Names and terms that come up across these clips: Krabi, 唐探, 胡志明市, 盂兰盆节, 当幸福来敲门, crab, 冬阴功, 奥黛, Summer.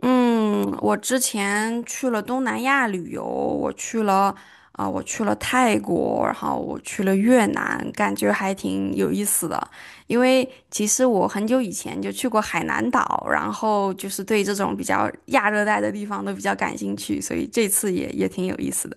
嗯，我之前去了东南亚旅游，我去了泰国，然后我去了越南，感觉还挺有意思的。因为其实我很久以前就去过海南岛，然后就是对这种比较亚热带的地方都比较感兴趣，所以这次也挺有意思的。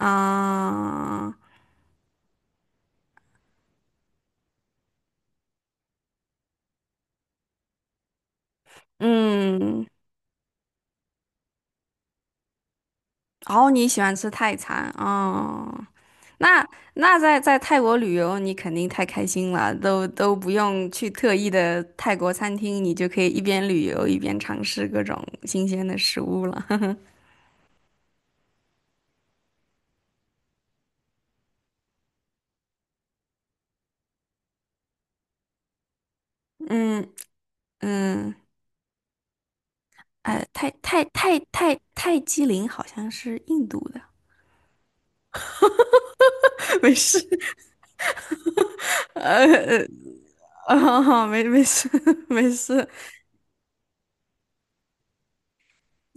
啊、嗯。哦，你喜欢吃泰餐哦？那那在泰国旅游，你肯定太开心了，都不用去特意的泰国餐厅，你就可以一边旅游一边尝试各种新鲜的食物了。嗯嗯，哎，泰姬陵好像是印度的。没事。哦，没事。 没事。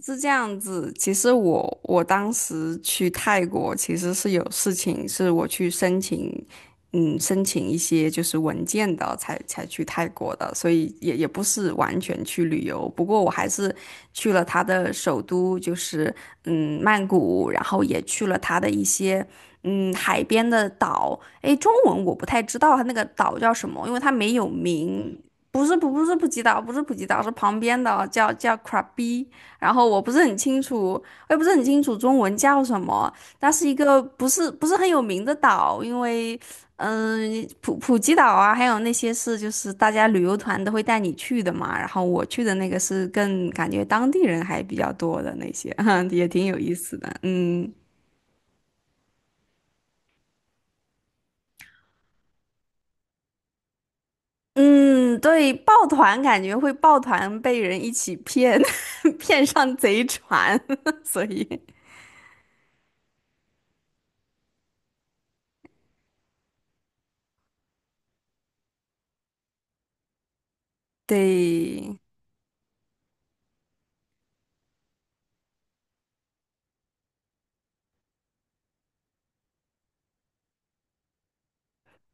是这样子，其实我当时去泰国其实是有事情，是我去申请。嗯，申请一些就是文件的，才去泰国的，所以也不是完全去旅游。不过我还是去了它的首都，就是曼谷，然后也去了它的一些海边的岛。诶，中文我不太知道它那个岛叫什么，因为它没有名。不是普吉岛，不是普吉岛，是旁边的叫 Krabi。然后我不是很清楚，我也不是很清楚中文叫什么。它是一个不是很有名的岛，因为普吉岛啊，还有那些就是大家旅游团都会带你去的嘛。然后我去的那个是更感觉当地人还比较多的那些，也挺有意思的。嗯嗯，对，抱团感觉会抱团被人一起骗，骗上贼船，所以对。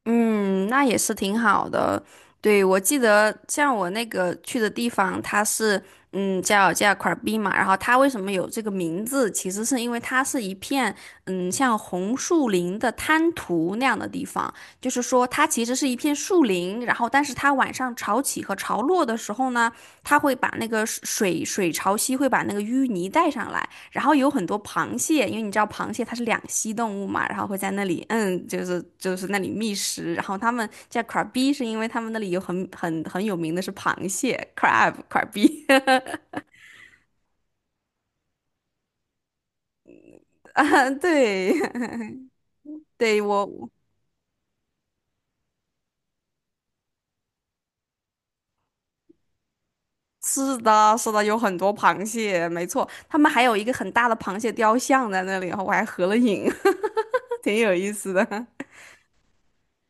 嗯，那也是挺好的。对，我记得像我那个去的地方，它是叫 k 尔 a 嘛，然后它为什么有这个名字，其实是因为它是一片像红树林的滩涂那样的地方，就是说它其实是一片树林，然后但是它晚上潮起和潮落的时候呢，它会把那个水潮汐会把那个淤泥带上来，然后有很多螃蟹，因为你知道螃蟹它是两栖动物嘛，然后会在那里，就是那里觅食。然后他们叫 crabby，是因为他们那里有很有名的是螃蟹 crabby。 啊，对。 对，我是的，是的，有很多螃蟹，没错，他们还有一个很大的螃蟹雕像在那里，然后我还合了影。挺有意思的。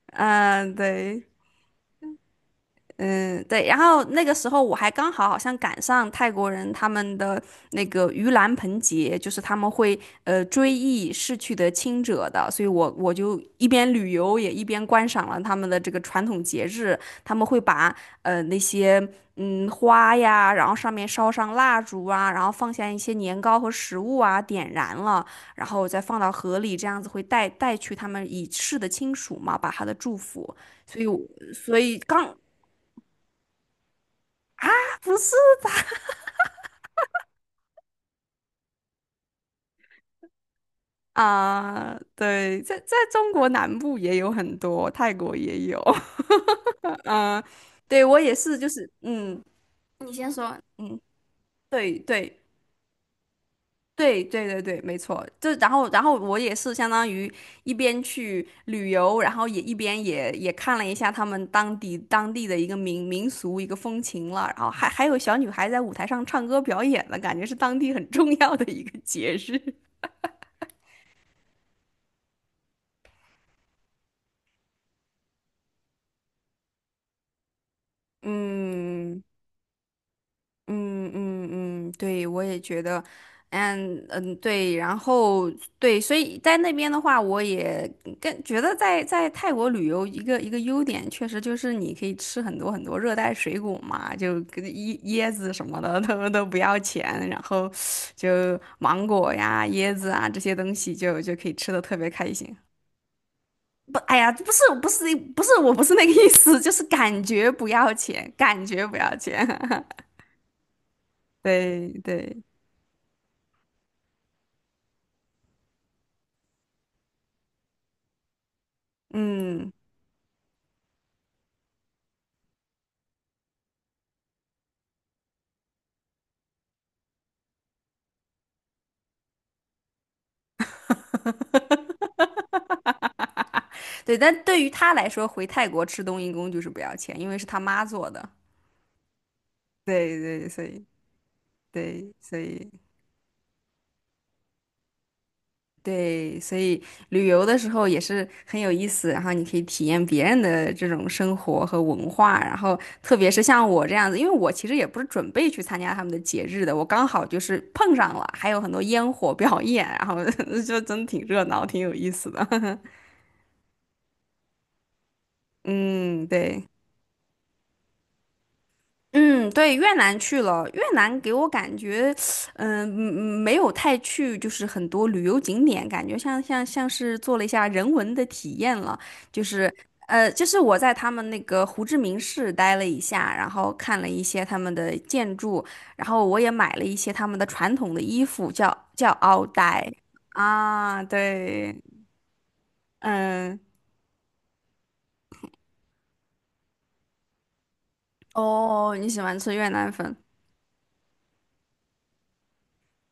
嗯，对。嗯，对，然后那个时候我还刚好好像赶上泰国人他们的那个盂兰盆节，就是他们会追忆逝去的亲者的，所以我就一边旅游也一边观赏了他们的这个传统节日。他们会把那些花呀，然后上面烧上蜡烛啊，然后放下一些年糕和食物啊，点燃了，然后再放到河里，这样子会带去他们已逝的亲属嘛，把他的祝福。所以我所以刚不是啊。对，在中国南部也有很多，泰国也有。嗯、对我也是，就是你先说。嗯，对对对对对对，没错，就然后我也是相当于一边去旅游，然后也一边也看了一下他们当地的一个民俗一个风情了，然后还有小女孩在舞台上唱歌表演了，感觉是当地很重要的一个节日。嗯。嗯嗯嗯，对，我也觉得。嗯嗯，对，然后对，所以在那边的话，我也觉得在泰国旅游一个优点，确实就是你可以吃很多很多热带水果嘛，就跟椰子什么的他们都不要钱，然后就芒果呀、椰子啊这些东西就可以吃的特别开心。不，哎呀，不是，不是，不是，我不是那个意思，就是感觉不要钱，感觉不要钱。对对。嗯。对，但对于他来说，回泰国吃冬阴功就是不要钱，因为是他妈做的。对对，所以对，所以对，所以旅游的时候也是很有意思，然后你可以体验别人的这种生活和文化，然后特别是像我这样子，因为我其实也不是准备去参加他们的节日的，我刚好就是碰上了，还有很多烟火表演，然后 就真挺热闹，挺有意思的。嗯，对。嗯，对，越南去了，越南给我感觉，没有太去，就是很多旅游景点，感觉像是做了一下人文的体验了，就是，就是我在他们那个胡志明市待了一下，然后看了一些他们的建筑，然后我也买了一些他们的传统的衣服，叫奥黛啊，对，嗯。哦，你喜欢吃越南粉？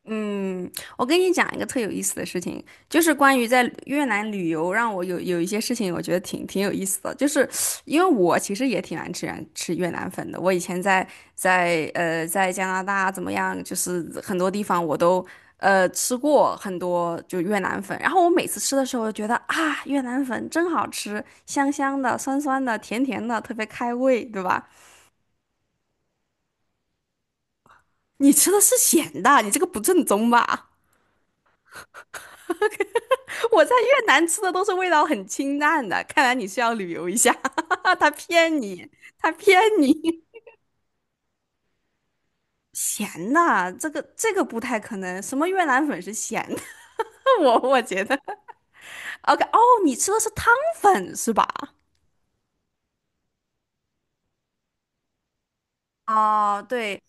嗯，我跟你讲一个特有意思的事情，就是关于在越南旅游，让我有一些事情，我觉得挺有意思的，就是因为我其实也挺爱吃吃越南粉的，我以前在加拿大怎么样，就是很多地方我都吃过很多就越南粉，然后我每次吃的时候，我就觉得啊越南粉真好吃，香香的、酸酸的、甜甜的，特别开胃，对吧？你吃的是咸的，你这个不正宗吧？我在越南吃的都是味道很清淡的，看来你是要旅游一下。他骗你，他骗你。咸的，这个不太可能。什么越南粉是咸的？我觉得，OK，哦，你吃的是汤粉是吧？哦，对。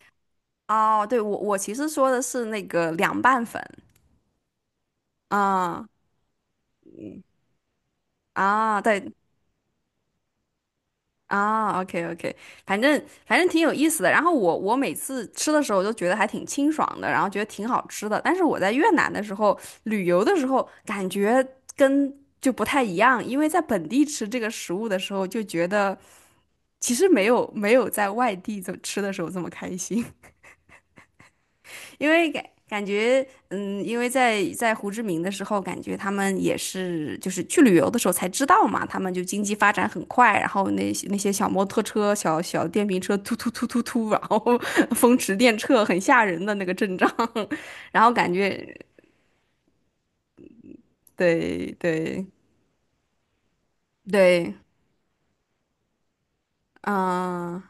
哦，对，我其实说的是那个凉拌粉。啊，嗯，啊，对，啊，OK OK，反正反正挺有意思的。然后我每次吃的时候都觉得还挺清爽的，然后觉得挺好吃的。但是我在越南的时候旅游的时候，感觉跟就不太一样，因为在本地吃这个食物的时候，就觉得其实没有在外地这么吃的时候这么开心。因为感觉，因为在胡志明的时候，感觉他们也是就是去旅游的时候才知道嘛，他们就经济发展很快，然后那些小摩托车、小电瓶车突突突突突，然后 风驰电掣，很吓人的那个阵仗。然后感觉，对对对，嗯、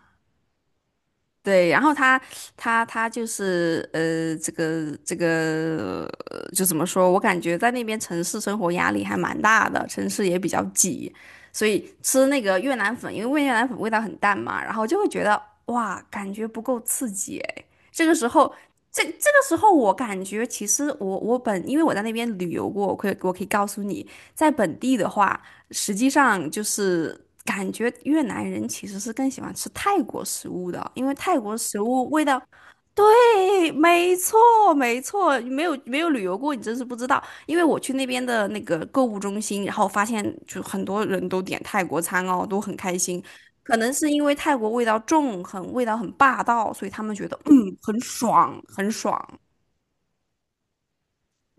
对，然后他就是，这个就怎么说？我感觉在那边城市生活压力还蛮大的，城市也比较挤，所以吃那个越南粉，因为越南粉味道很淡嘛，然后就会觉得哇，感觉不够刺激哎。这个时候，这个时候我感觉其实我我本因为我在那边旅游过，我可以告诉你，在本地的话。实际上就是感觉越南人其实是更喜欢吃泰国食物的，因为泰国食物味道，对，没错，没错，没有旅游过，你真是不知道。因为我去那边的那个购物中心，然后发现就很多人都点泰国餐哦，都很开心。可能是因为泰国味道重，味道很霸道，所以他们觉得很爽，很爽。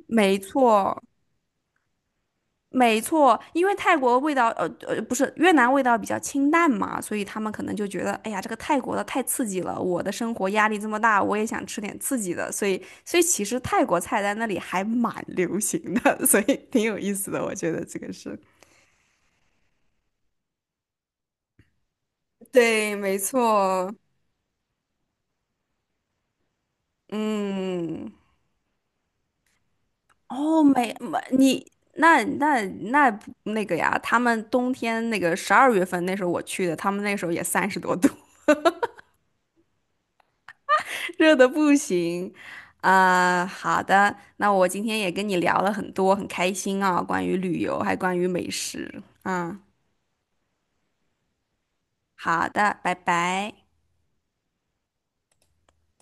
没错，没错，因为泰国味道，不是越南味道比较清淡嘛，所以他们可能就觉得，哎呀，这个泰国的太刺激了，我的生活压力这么大，我也想吃点刺激的，所以其实泰国菜在那里还蛮流行的，所以挺有意思的，我觉得这个是。对，没错，嗯。哦，没，没你那那那不那个呀，他们冬天那个12月份那时候我去的，他们那时候也30多度。热的不行。啊、好的，那我今天也跟你聊了很多，很开心啊、关于旅游，还关于美食。嗯，好的，拜拜。